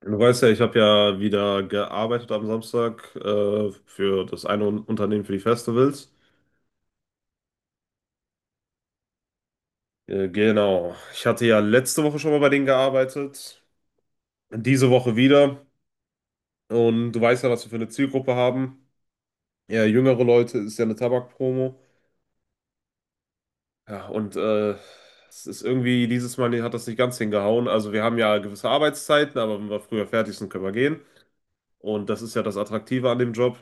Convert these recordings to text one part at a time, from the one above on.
Du weißt ja, ich habe ja wieder gearbeitet am Samstag für das eine Unternehmen für die Festivals. Genau. Ich hatte ja letzte Woche schon mal bei denen gearbeitet, diese Woche wieder. Und du weißt ja, was wir für eine Zielgruppe haben. Ja, jüngere Leute ist ja eine Tabakpromo. Ja, und es ist irgendwie, dieses Mal hat das nicht ganz hingehauen. Also wir haben ja gewisse Arbeitszeiten, aber wenn wir früher fertig sind, können wir gehen. Und das ist ja das Attraktive an dem Job.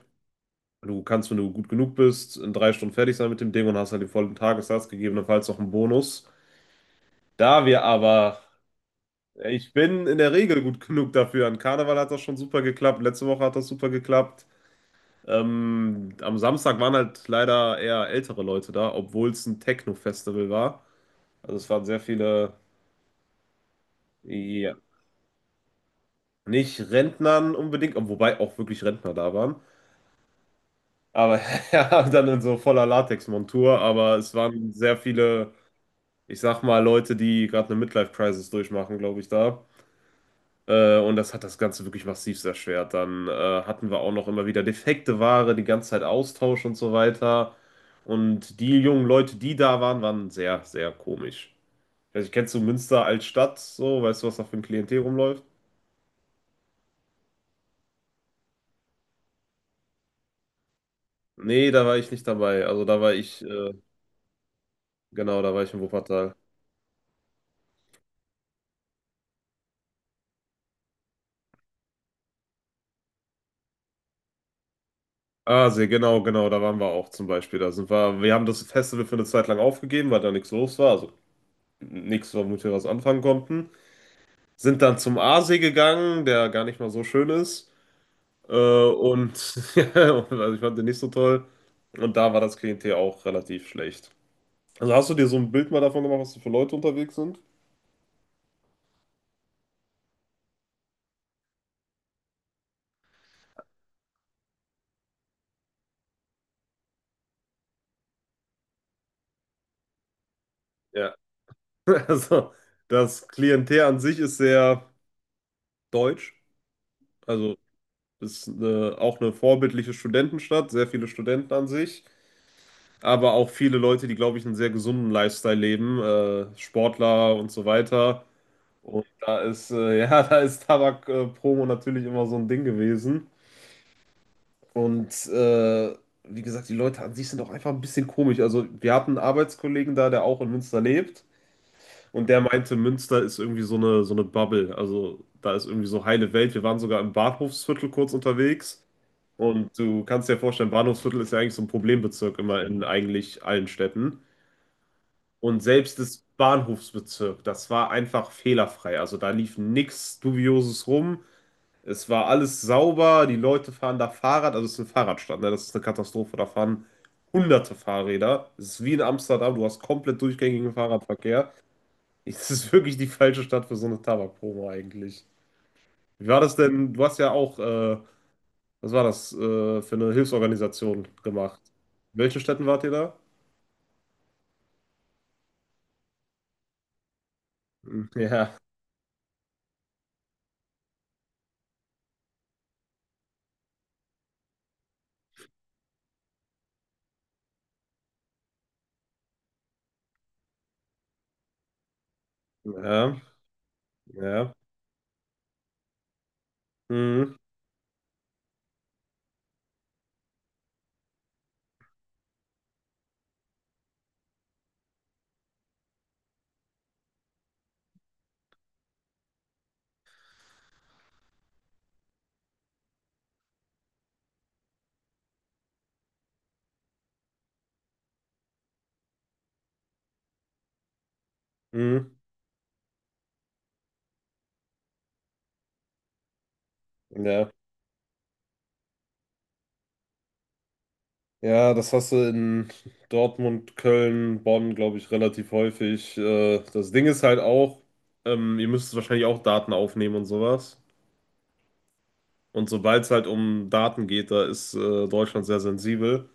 Du kannst, wenn du gut genug bist, in 3 Stunden fertig sein mit dem Ding und hast halt den vollen Tagessatz, gegebenenfalls noch einen Bonus. Da wir aber, ja, ich bin in der Regel gut genug dafür. An Karneval hat das schon super geklappt, letzte Woche hat das super geklappt. Am Samstag waren halt leider eher ältere Leute da, obwohl es ein Techno-Festival war. Also es waren sehr viele, ja, nicht Rentnern unbedingt, wobei auch wirklich Rentner da waren. Aber ja, dann in so voller Latexmontur, aber es waren sehr viele. Ich sag mal, Leute, die gerade eine Midlife-Crisis durchmachen, glaube ich, da. Und das hat das Ganze wirklich massiv erschwert. Dann hatten wir auch noch immer wieder defekte Ware, die ganze Zeit Austausch und so weiter. Und die jungen Leute, die da waren, waren sehr, sehr komisch. Also, kennst du Münster als Stadt so? Weißt du, was da für ein Klientel rumläuft? Nee, da war ich nicht dabei. Also, da war ich, genau, da war ich in Wuppertal. Ah, sehr genau, genau, da waren wir auch zum Beispiel. Da sind wir, wir haben das Festival für eine Zeit lang aufgegeben, weil da nichts los war. Also nichts, womit wir was anfangen konnten. Sind dann zum Aasee gegangen, der gar nicht mal so schön ist. Äh, und ja, also ich fand den nicht so toll. Und da war das Klientel auch relativ schlecht. Also hast du dir so ein Bild mal davon gemacht, was da für Leute unterwegs sind? Ja. Also das Klientel an sich ist sehr deutsch. Also ist eine, auch eine vorbildliche Studentenstadt, sehr viele Studenten an sich. Aber auch viele Leute, die, glaube ich, einen sehr gesunden Lifestyle leben, Sportler und so weiter. Und da ist, ja, da ist Tabak-Promo natürlich immer so ein Ding gewesen. Und wie gesagt, die Leute an sich sind auch einfach ein bisschen komisch. Also, wir hatten einen Arbeitskollegen da, der auch in Münster lebt. Und der meinte, Münster ist irgendwie so eine Bubble. Also, da ist irgendwie so heile Welt. Wir waren sogar im Bahnhofsviertel kurz unterwegs. Und du kannst dir vorstellen, Bahnhofsviertel ist ja eigentlich so ein Problembezirk immer in eigentlich allen Städten. Und selbst das Bahnhofsbezirk, das war einfach fehlerfrei. Also, da lief nichts Dubioses rum. Es war alles sauber, die Leute fahren da Fahrrad, also es ist eine Fahrradstadt, ne? Das ist eine Katastrophe, da fahren hunderte Fahrräder. Es ist wie in Amsterdam, du hast komplett durchgängigen Fahrradverkehr. Es ist wirklich die falsche Stadt für so eine Tabakpromo eigentlich. Wie war das denn? Du hast ja auch, was war das, für eine Hilfsorganisation gemacht? In welchen Städten wart ihr da? Hm, ja, ja, ja, hm, hm, ja. Ja, das hast du in Dortmund, Köln, Bonn, glaube ich, relativ häufig. Das Ding ist halt auch, ihr müsst wahrscheinlich auch Daten aufnehmen und sowas. Und sobald es halt um Daten geht, da ist Deutschland sehr sensibel.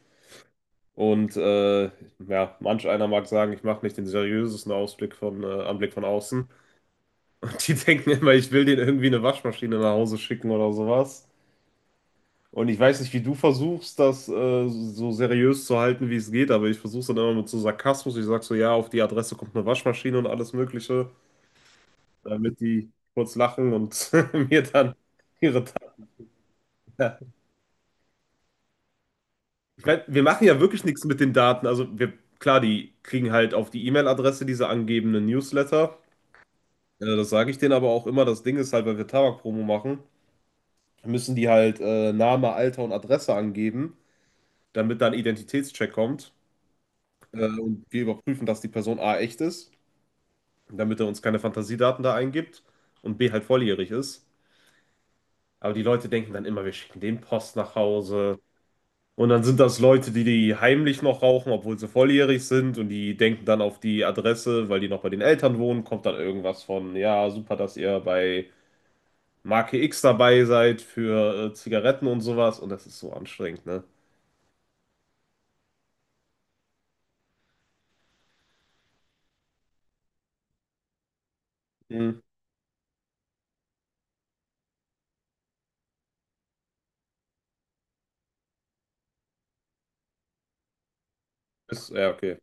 Und ja, manch einer mag sagen, ich mache nicht den seriösesten Ausblick von, Anblick von außen. Die denken immer, ich will denen irgendwie eine Waschmaschine nach Hause schicken oder sowas. Und ich weiß nicht, wie du versuchst, das so seriös zu halten, wie es geht, aber ich versuche es dann immer mit so Sarkasmus. Ich sage so, ja, auf die Adresse kommt eine Waschmaschine und alles Mögliche, damit die kurz lachen und mir dann ihre Daten. Ich meine, wir machen ja wirklich nichts mit den Daten. Also wir, klar, die kriegen halt auf die E-Mail-Adresse diese angebenden Newsletter. Das sage ich denen aber auch immer. Das Ding ist halt, weil wir Tabakpromo machen, müssen die halt Name, Alter und Adresse angeben, damit dann Identitätscheck kommt. Und wir überprüfen, dass die Person A echt ist, damit er uns keine Fantasiedaten da eingibt und B halt volljährig ist. Aber die Leute denken dann immer, wir schicken den Post nach Hause. Und dann sind das Leute, die die heimlich noch rauchen, obwohl sie volljährig sind, und die denken dann, auf die Adresse, weil die noch bei den Eltern wohnen, kommt dann irgendwas von, ja, super, dass ihr bei Marke X dabei seid für Zigaretten und sowas, und das ist so anstrengend, ne? Hm. Ist, ja, okay.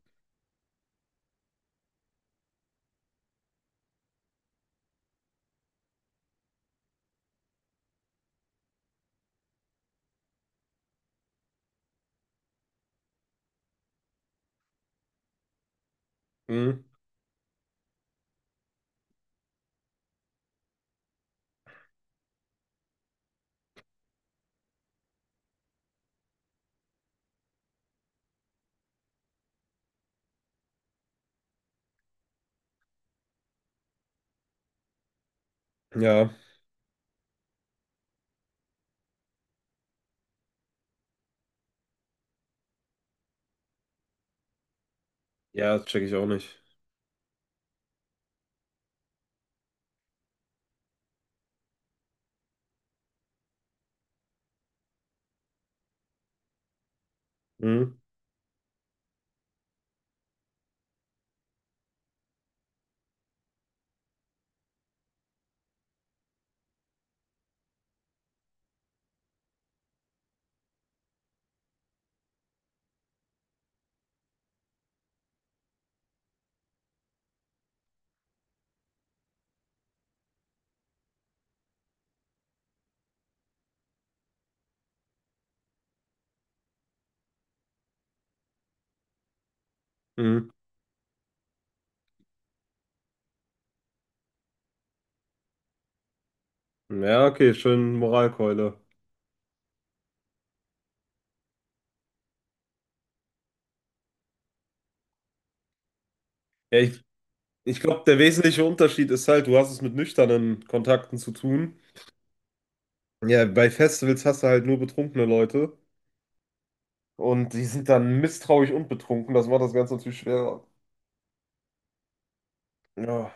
Hm. Ja, ja, das check ich auch nicht. Hm. Hm. Ja, okay, schön Moralkeule. Ja, ich glaube, der wesentliche Unterschied ist halt, du hast es mit nüchternen Kontakten zu tun. Ja, bei Festivals hast du halt nur betrunkene Leute, und die sind dann misstrauisch und betrunken. Das macht das Ganze natürlich schwerer. Ja.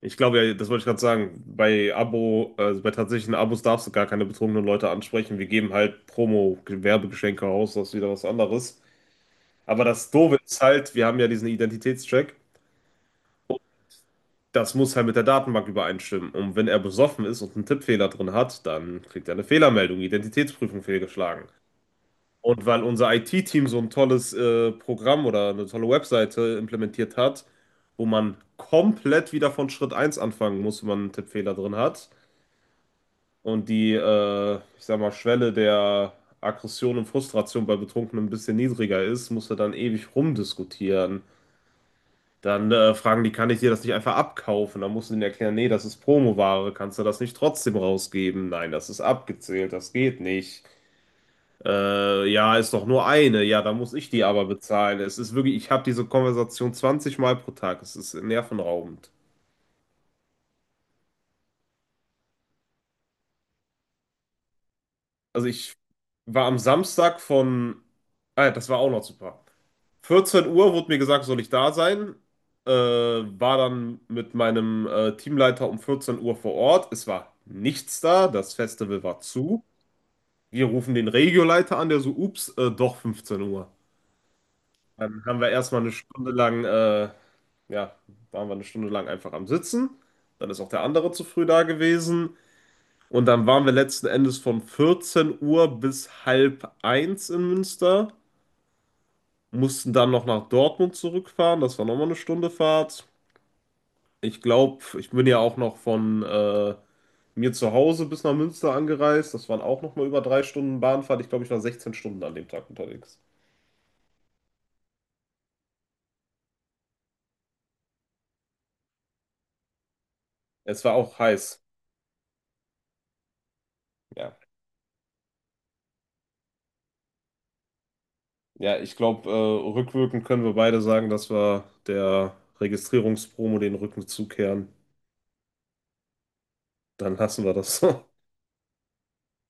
Ich glaube ja, das wollte ich gerade sagen. Bei Abo, also bei tatsächlichen Abos darfst du gar keine betrunkenen Leute ansprechen. Wir geben halt Promo-Werbegeschenke raus, das ist wieder was anderes. Aber das Doofe ist halt, wir haben ja diesen Identitätscheck. Das muss halt mit der Datenbank übereinstimmen. Und wenn er besoffen ist und einen Tippfehler drin hat, dann kriegt er eine Fehlermeldung, Identitätsprüfung fehlgeschlagen. Und weil unser IT-Team so ein tolles Programm oder eine tolle Webseite implementiert hat, wo man komplett wieder von Schritt eins anfangen muss, wenn man einen Tippfehler drin hat, und die, ich sag mal, Schwelle der Aggression und Frustration bei Betrunkenen ein bisschen niedriger ist, muss er dann ewig rumdiskutieren. Dann fragen die, kann ich dir das nicht einfach abkaufen? Dann musst du denen erklären, nee, das ist Promoware, kannst du das nicht trotzdem rausgeben? Nein, das ist abgezählt, das geht nicht. Ja, ist doch nur eine, ja, dann muss ich die aber bezahlen. Es ist wirklich, ich habe diese Konversation 20 Mal pro Tag, es ist nervenraubend. Also ich war am Samstag von, ah, ja, das war auch noch super. 14 Uhr wurde mir gesagt, soll ich da sein. War dann mit meinem Teamleiter um 14 Uhr vor Ort. Es war nichts da, das Festival war zu. Wir rufen den Regioleiter an, der so, ups, doch 15 Uhr. Dann haben wir erstmal eine Stunde lang, ja, waren wir eine Stunde lang einfach am Sitzen. Dann ist auch der andere zu früh da gewesen. Und dann waren wir letzten Endes von 14 Uhr bis halb eins in Münster, mussten dann noch nach Dortmund zurückfahren. Das war nochmal eine Stunde Fahrt. Ich glaube, ich bin ja auch noch von mir zu Hause bis nach Münster angereist. Das waren auch noch mal über 3 Stunden Bahnfahrt. Ich glaube, ich war 16 Stunden an dem Tag unterwegs. Es war auch heiß. Ja, ja, ich glaube, rückwirkend können wir beide sagen, dass wir der Registrierungspromo den Rücken zukehren. Dann lassen wir das.